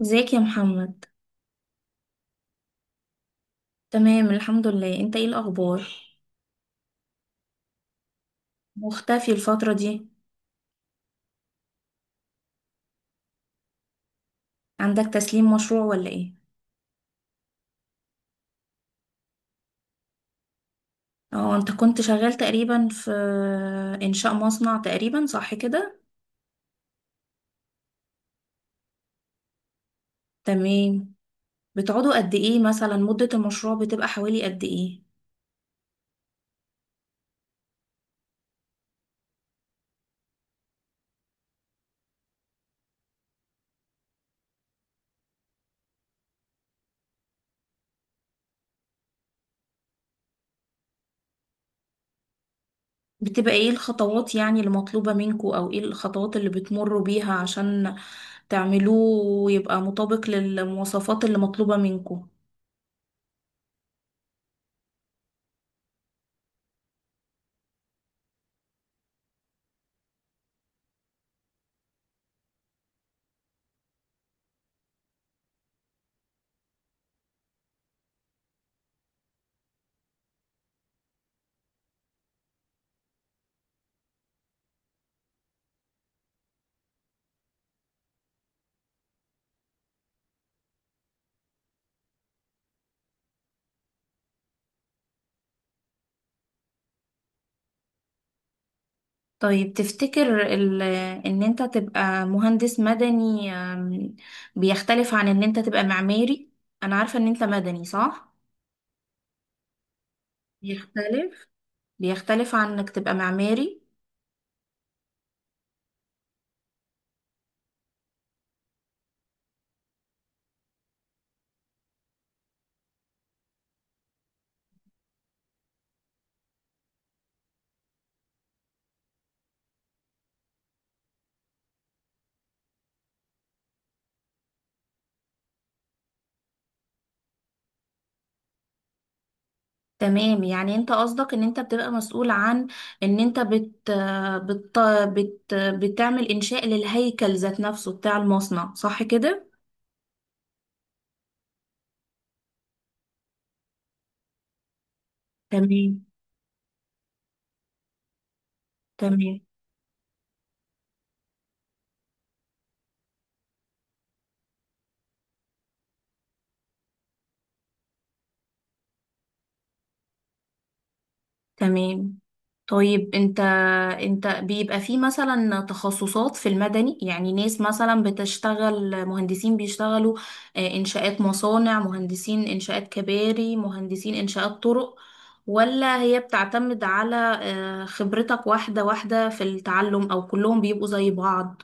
ازيك يا محمد؟ تمام الحمد لله، انت ايه الاخبار؟ مختفي الفترة دي. عندك تسليم مشروع ولا ايه؟ اه، انت كنت شغال تقريبا في انشاء مصنع تقريبا، صح كده؟ تمام. بتقعدوا قد ايه؟ مثلا مدة المشروع بتبقى حوالي قد ايه؟ بتبقى ايه الخطوات يعني المطلوبة منكوا، او ايه الخطوات اللي بتمروا بيها عشان تعملوه ويبقى مطابق للمواصفات اللي مطلوبة منكوا؟ طيب، تفتكر ان انت تبقى مهندس مدني بيختلف عن ان انت تبقى معماري؟ انا عارفة ان انت مدني، صح؟ بيختلف؟ بيختلف عن انك تبقى معماري؟ تمام. يعني انت قصدك ان انت بتبقى مسؤول عن ان انت بت بت بت بتعمل انشاء للهيكل ذات نفسه بتاع المصنع، صح كده؟ تمام تمام تمام. طيب، انت بيبقى في مثلا تخصصات في المدني؟ يعني ناس مثلا بتشتغل مهندسين، بيشتغلوا انشاءات مصانع، مهندسين انشاءات كباري، مهندسين انشاءات طرق، ولا هي بتعتمد على خبرتك واحدة واحدة في التعلم، او كلهم بيبقوا زي بعض؟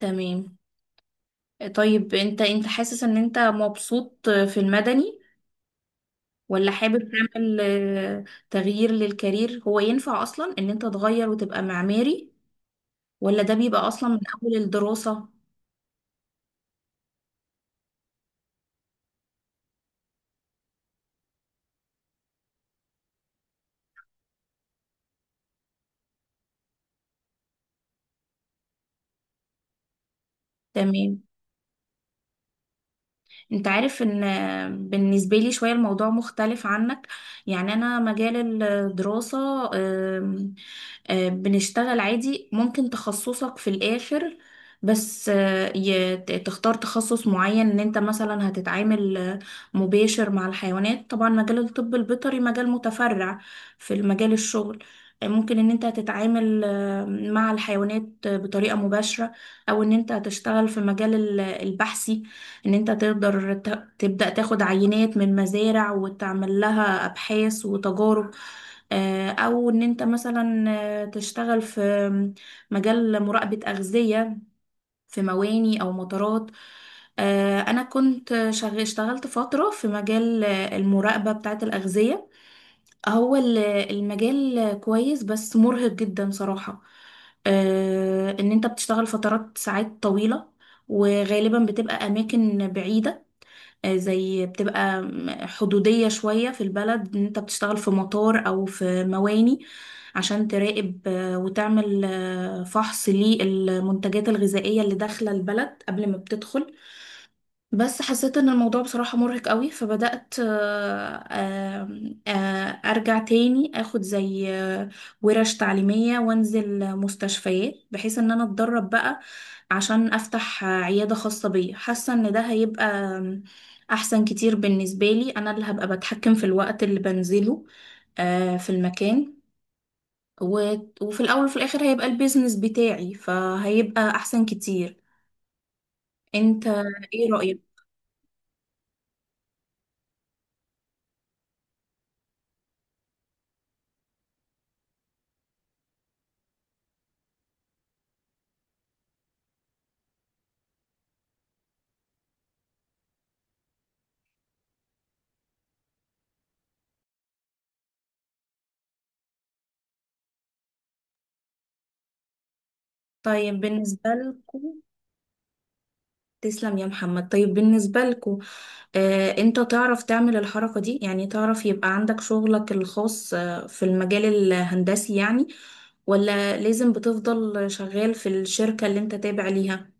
تمام. طيب، انت حاسس ان انت مبسوط في المدني، ولا حابب تعمل تغيير للكارير؟ هو ينفع اصلا ان انت تغير وتبقى معماري، ولا ده بيبقى اصلا من اول الدراسة؟ تمام. انت عارف ان بالنسبة لي شوية الموضوع مختلف عنك. يعني انا مجال الدراسة، آم، آه، بنشتغل عادي، ممكن تخصصك في الاخر، بس تختار تخصص معين. ان انت مثلا هتتعامل مباشر مع الحيوانات، طبعا مجال الطب البيطري مجال متفرع في المجال الشغل. ممكن ان انت هتتعامل مع الحيوانات بطريقة مباشرة، او ان انت هتشتغل في مجال البحثي، ان انت تقدر تبدأ تاخد عينات من مزارع وتعمل لها ابحاث وتجارب، او ان انت مثلا تشتغل في مجال مراقبة أغذية في مواني او مطارات. انا اشتغلت فترة في مجال المراقبة بتاعة الأغذية. هو المجال كويس، بس مرهق جدا صراحة. ان انت بتشتغل فترات ساعات طويلة، وغالبا بتبقى اماكن بعيدة. زي بتبقى حدودية شوية في البلد، ان انت بتشتغل في مطار او في مواني عشان تراقب وتعمل فحص للمنتجات الغذائية اللي داخلة البلد قبل ما بتدخل. بس حسيت ان الموضوع بصراحة مرهق قوي، فبدأت آه، آم، آه، ارجع تاني اخد زي ورش تعليمية وانزل مستشفيات، بحيث ان انا اتدرب بقى عشان افتح عيادة خاصة بيا. حاسة ان ده هيبقى احسن كتير بالنسبة لي، انا اللي هبقى بتحكم في الوقت اللي بنزله في المكان، و- وفي الاول وفي الاخر هيبقى البيزنس بتاعي، فهيبقى احسن كتير. انت ايه رأيك؟ طيب، بالنسبة لكم. تسلم يا محمد. طيب، بالنسبة لكم، انت تعرف تعمل الحركة دي؟ يعني تعرف يبقى عندك شغلك الخاص في المجال الهندسي، يعني؟ ولا لازم بتفضل شغال في الشركة اللي انت تابع ليها؟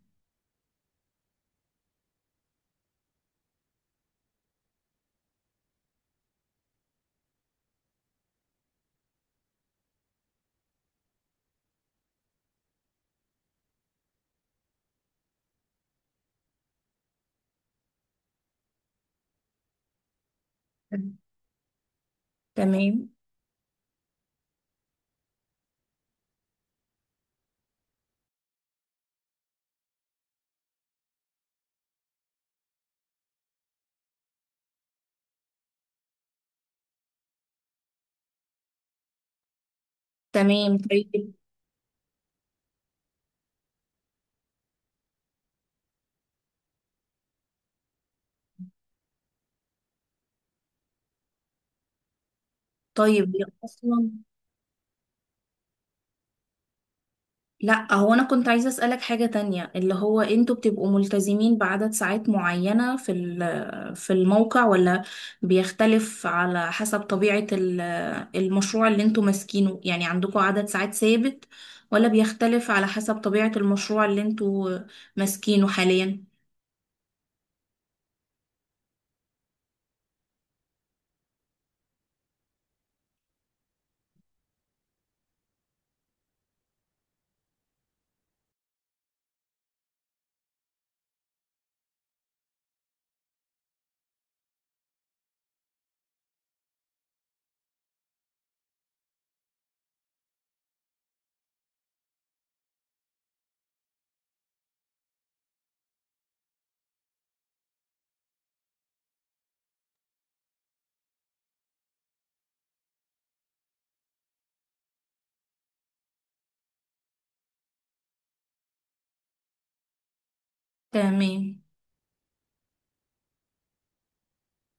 تمام. تمام. طيب. طيب هي اصلا، لا، هو انا كنت عايزة اسألك حاجة تانية، اللي هو انتوا بتبقوا ملتزمين بعدد ساعات معينة في في الموقع، ولا بيختلف على حسب طبيعة المشروع اللي انتوا ماسكينه؟ يعني عندكوا عدد ساعات ثابت، ولا بيختلف على حسب طبيعة المشروع اللي انتوا ماسكينه حاليا؟ تمام.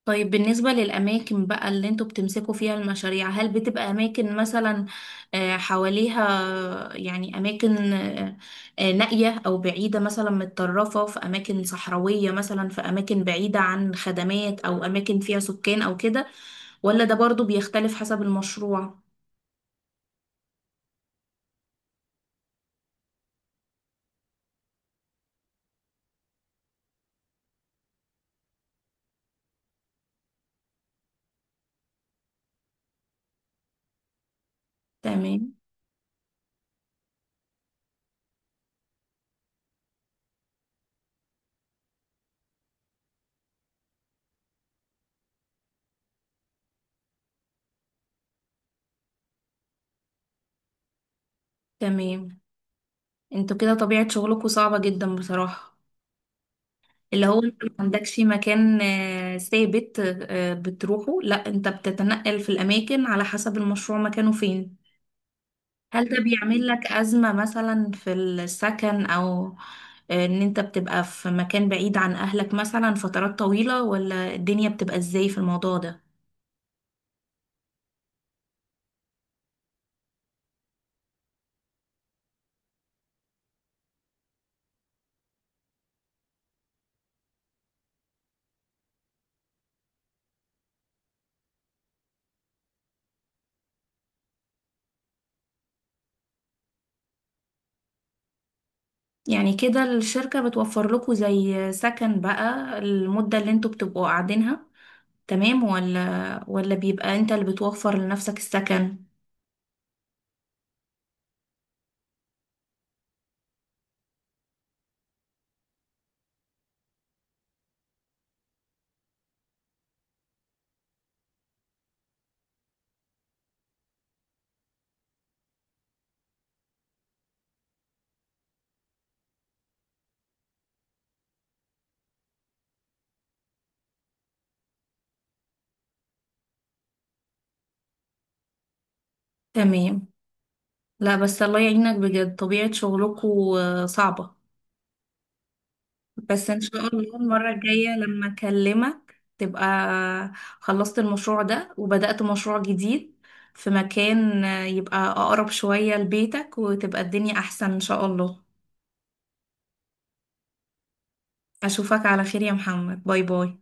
طيب بالنسبة للأماكن بقى اللي انتوا بتمسكوا فيها المشاريع، هل بتبقى أماكن مثلا حواليها، يعني أماكن نائية أو بعيدة، مثلا متطرفة في أماكن صحراوية، مثلا في أماكن بعيدة عن خدمات، أو أماكن فيها سكان أو كده، ولا ده برضو بيختلف حسب المشروع؟ تمام. تمام. انتوا كده طبيعة شغلكوا صعبة جدا بصراحة، اللي هو انت ما عندكش مكان ثابت بتروحه. لا، انت بتتنقل في الاماكن على حسب المشروع مكانه فين. هل ده بيعمل لك ازمة مثلا في السكن، او ان انت بتبقى في مكان بعيد عن اهلك مثلا فترات طويلة، ولا الدنيا بتبقى ازاي في الموضوع ده؟ يعني كده الشركة بتوفر لكم زي سكن بقى المدة اللي انتوا بتبقوا قاعدينها؟ تمام. ولا بيبقى انت اللي بتوفر لنفسك السكن؟ تمام. لا بس الله يعينك بجد، طبيعة شغلكو صعبة. بس ان شاء الله المرة الجاية لما اكلمك تبقى خلصت المشروع ده وبدأت مشروع جديد في مكان يبقى اقرب شوية لبيتك، وتبقى الدنيا احسن ان شاء الله. اشوفك على خير يا محمد، باي باي.